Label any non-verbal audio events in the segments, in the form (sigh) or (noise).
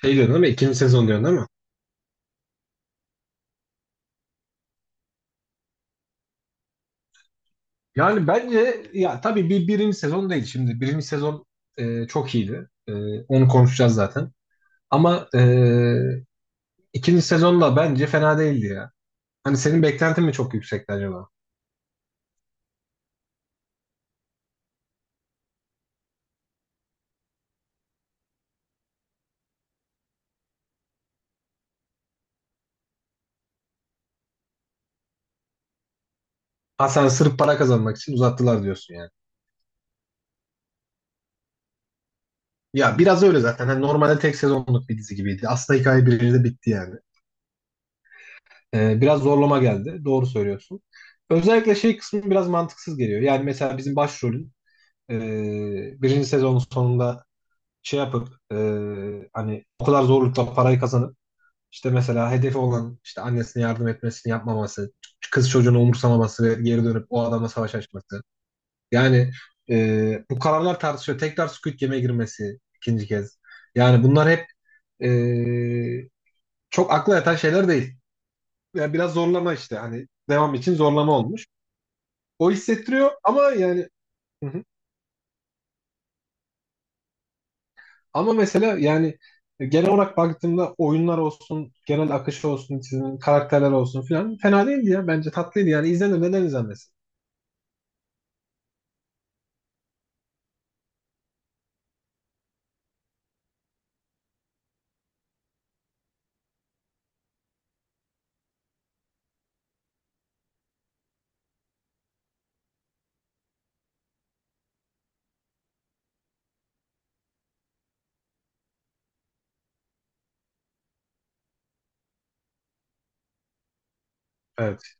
Şey diyorsun değil mi? İkinci sezon diyorsun değil mi? Yani bence ya tabii birinci sezon değil şimdi. Birinci sezon çok iyiydi. Onu konuşacağız zaten. Ama ikinci sezon da bence fena değildi ya. Hani senin beklentin mi çok yüksekti acaba? Ha sen sırf para kazanmak için uzattılar diyorsun yani. Ya biraz öyle zaten. Hani normalde tek sezonluk bir dizi gibiydi. Aslında hikaye birinci bitti yani. Biraz zorlama geldi. Doğru söylüyorsun. Özellikle şey kısmı biraz mantıksız geliyor. Yani mesela bizim başrolün e, birinci sezonun sonunda şey yapıp hani o kadar zorlukla parayı kazanıp işte mesela hedefi olan işte annesine yardım etmesini yapmaması, kız çocuğunu umursamaması ve geri dönüp o adama savaş açması. Yani bu kararlar tartışıyor. Tekrar Squid Game'e girmesi ikinci kez. Yani bunlar hep e, çok akla yatan şeyler değil. Yani biraz zorlama işte hani devam için zorlama olmuş. O hissettiriyor ama yani. Hı hı. Ama mesela yani genel olarak baktığımda oyunlar olsun, genel akışı olsun, çizim, karakterler olsun filan fena değildi ya. Bence tatlıydı yani. İzlenir neden izlenmesin? Evet.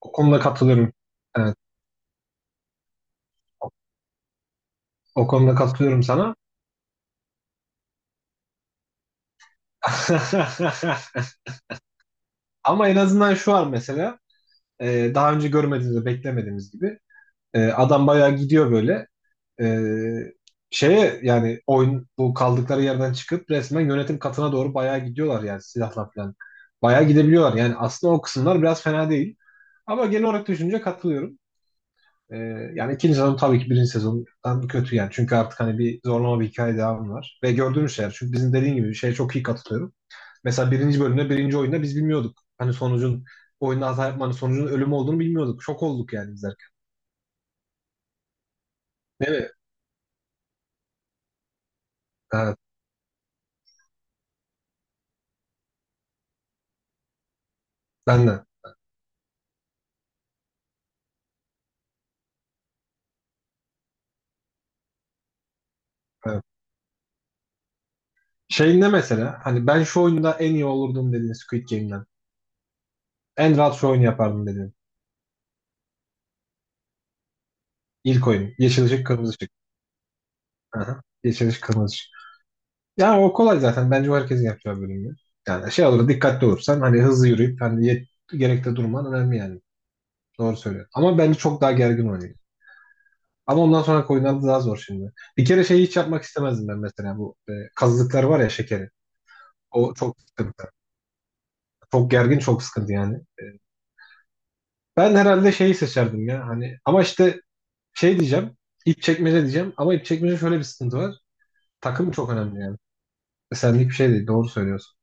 O konuda katılıyorum. Evet. O konuda katılıyorum sana. (laughs) Ama en azından şu var mesela. Daha önce görmediğimiz, beklemediğimiz gibi. E, adam bayağı gidiyor böyle. Ee, Şeye yani oyun bu kaldıkları yerden çıkıp resmen yönetim katına doğru bayağı gidiyorlar yani silahla falan. Bayağı gidebiliyorlar. Yani aslında o kısımlar biraz fena değil. Ama genel olarak düşünce katılıyorum. Ee, Yani ikinci sezon tabii ki birinci sezondan kötü yani. Çünkü artık hani bir zorlama bir hikaye devamı var. Ve gördüğümüz şeyler. Çünkü bizim dediğin gibi şeye çok iyi katılıyorum. Mesela birinci bölümde birinci oyunda biz bilmiyorduk. Hani sonucun oyunda hata yapmanın sonucunun ölüm olduğunu bilmiyorduk. Şok olduk yani izlerken. Değil mi? Evet, ben de. Evet. Şey ne mesela? Hani ben şu oyunda en iyi olurdum dediğin Squid Game'den. En rahat şu oyunu yapardım dediğin. İlk oyun. Yeşil ışık, kırmızı ışık. Aha. Yeşil ışık, kırmızı ışık. Yani o kolay zaten. Bence o herkesin yapacağı bölümü. Yani şey olur, dikkatli olursan hani hızlı yürüyüp hani gerekte durman önemli yani. Doğru söylüyorsun. Ama bence çok daha gergin oynuyor. Ama ondan sonra oyunlar da daha zor şimdi. Bir kere şeyi hiç yapmak istemezdim ben mesela. Bu kazıklar var ya şekeri. O çok sıkıntı. Çok gergin, çok sıkıntı yani. Ben herhalde şeyi seçerdim ya. Hani ama işte şey diyeceğim. İp çekmece diyeceğim. Ama ip çekmece şöyle bir sıkıntı var. Takım çok önemli yani. Senlik bir şey değil. Doğru söylüyorsun.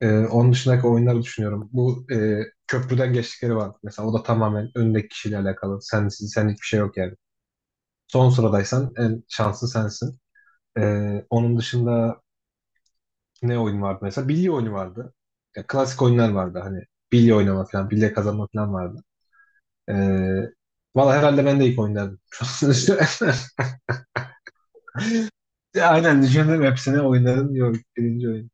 Onun dışındaki oyunları düşünüyorum. Bu köprüden geçtikleri var. Mesela o da tamamen öndeki kişiyle alakalı. Senlik bir şey yok yani. Son sıradaysan en şanslı sensin. Onun dışında ne oyun vardı mesela? Bilye oyunu vardı. Ya, klasik oyunlar vardı. Hani bilye oynama falan, bilye kazanma falan vardı. Ee, Valla herhalde ben de ilk oyun derdim. (laughs) Ya aynen düşündüm hepsine oyunların yok birinci oyun.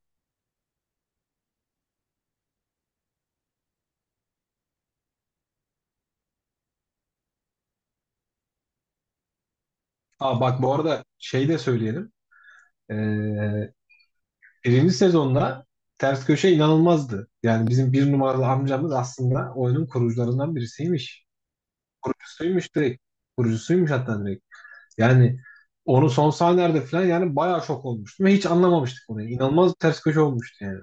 Aa bak bu arada şey de söyleyelim. Ee, Birinci sezonda ters köşe inanılmazdı. Yani bizim bir numaralı amcamız aslında oyunun kurucularından birisiymiş. Kurucusuymuş direkt. Kurucusuymuş hatta direkt. Yani onu son sahnelerde falan yani bayağı şok olmuştum ve hiç anlamamıştık onu. İnanılmaz bir ters köşe olmuştu yani.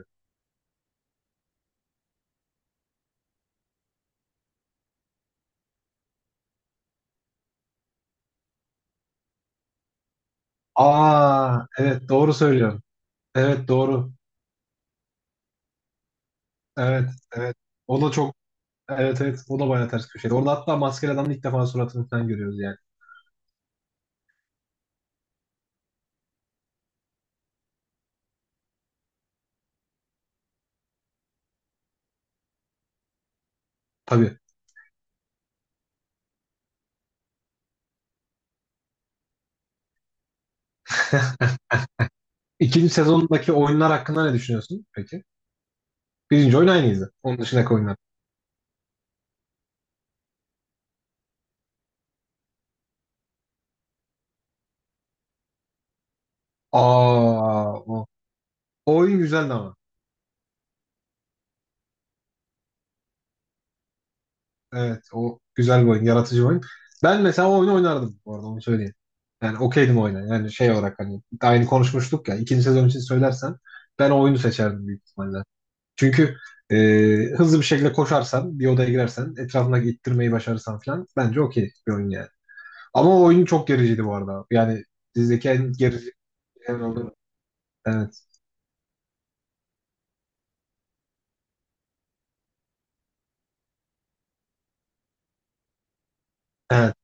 Aa evet doğru söylüyorum. Evet doğru. Evet, evet. O da çok evet, evet o da bayağı ters köşeydi. Orada hatta maskeli adamın ilk defa suratını falan görüyoruz yani. Tabii. İkinci sezondaki oyunlar hakkında ne düşünüyorsun peki? Birinci oyun aynıydı. Onun dışındaki oyunlar. Aa, o oyun güzeldi ama. Evet o güzel bir oyun. Yaratıcı bir oyun. Ben mesela o oyunu oynardım bu arada onu söyleyeyim. Yani okeydim oyuna. Yani şey olarak hani aynı konuşmuştuk ya. İkinci sezon için söylersen ben o oyunu seçerdim büyük ihtimalle. Çünkü e, hızlı bir şekilde koşarsan, bir odaya girersen, etrafındaki ittirmeyi başarırsan falan bence okey bir oyun yani. Ama o oyun çok gericiydi bu arada. Yani dizideki en gerici en oldu. Evet. Evet.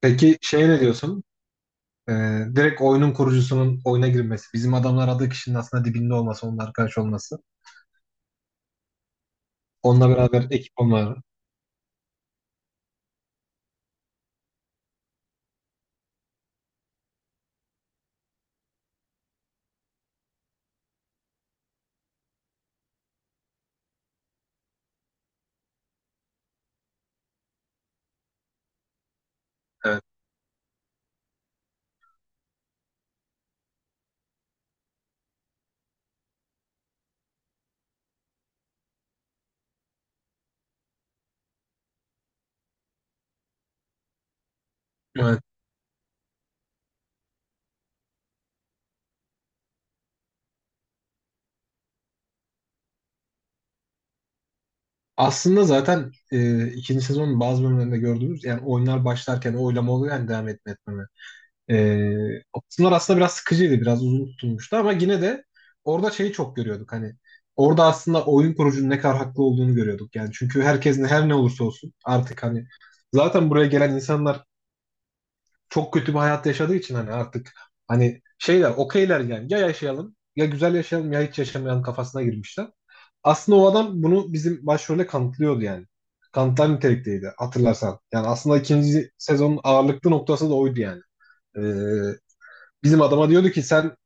Peki şeye ne diyorsun? Ee, Direkt oyunun kurucusunun oyuna girmesi. Bizim adamlar adı kişinin aslında dibinde olması, onun arkadaş olması. Onunla beraber ekip olmaları. Evet. Evet. Aslında zaten ikinci sezonun bazı bölümlerinde gördüğümüz yani oyunlar başlarken o oylama oluyor yani devam etme etmeme. Ee, O kısımlar aslında biraz sıkıcıydı, biraz uzun tutulmuştu ama yine de orada şeyi çok görüyorduk hani. Orada aslında oyun kurucunun ne kadar haklı olduğunu görüyorduk yani. Çünkü herkes ne, her ne olursa olsun artık hani zaten buraya gelen insanlar çok kötü bir hayat yaşadığı için hani artık hani şeyler okeyler yani ya yaşayalım ya güzel yaşayalım ya hiç yaşamayalım kafasına girmişler. Aslında o adam bunu bizim başrolde kanıtlıyordu yani. Kanıtlar nitelikteydi hatırlarsan. Yani aslında ikinci sezonun ağırlıklı noktası da oydu yani. Ee, Bizim adama diyordu ki sen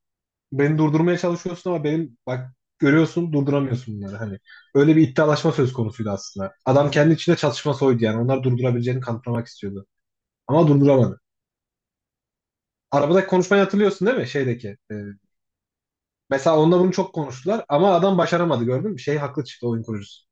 beni durdurmaya çalışıyorsun ama benim bak görüyorsun durduramıyorsun bunları hani. Öyle bir iddialaşma söz konusuydu aslında. Adam kendi içinde çatışma soydu yani. Onlar durdurabileceğini kanıtlamak istiyordu. Ama durduramadı. Arabadaki konuşmayı hatırlıyorsun değil mi? Şeydeki. Mesela onunla bunu çok konuştular ama adam başaramadı gördün mü? Şey haklı çıktı oyun kurucusu.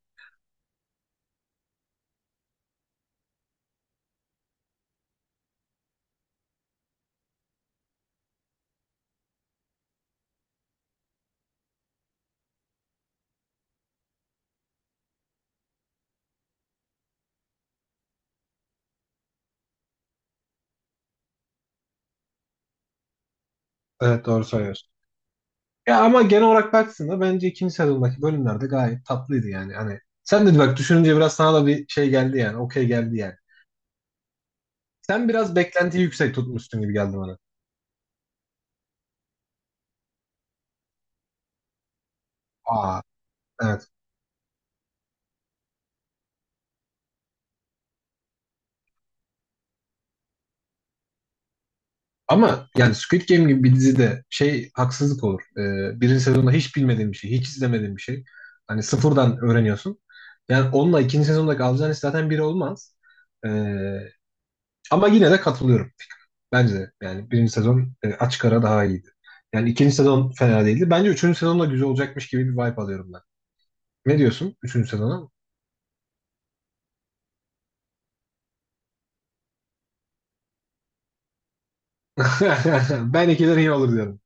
Evet doğru söylüyorsun. Ya ama genel olarak baktığında bence ikinci sezondaki bölümlerde gayet tatlıydı yani. Hani sen dedi bak düşününce biraz sana da bir şey geldi yani. Okey geldi yani. Sen biraz beklentiyi yüksek tutmuşsun gibi geldi bana. Aa, evet. Ama yani Squid Game gibi bir dizide şey haksızlık olur. Birinci sezonda hiç bilmediğin bir şey, hiç izlemediğin bir şey. Hani sıfırdan öğreniyorsun. Yani onunla ikinci sezondaki alacağın iş zaten biri olmaz. Ee, Ama yine de katılıyorum. Bence de yani birinci sezon açık ara daha iyiydi. Yani ikinci sezon fena değildi. Bence üçüncü sezon da güzel olacakmış gibi bir vibe alıyorum ben. Ne diyorsun üçüncü sezona? (laughs) Ben ikiler iyi olur diyorum.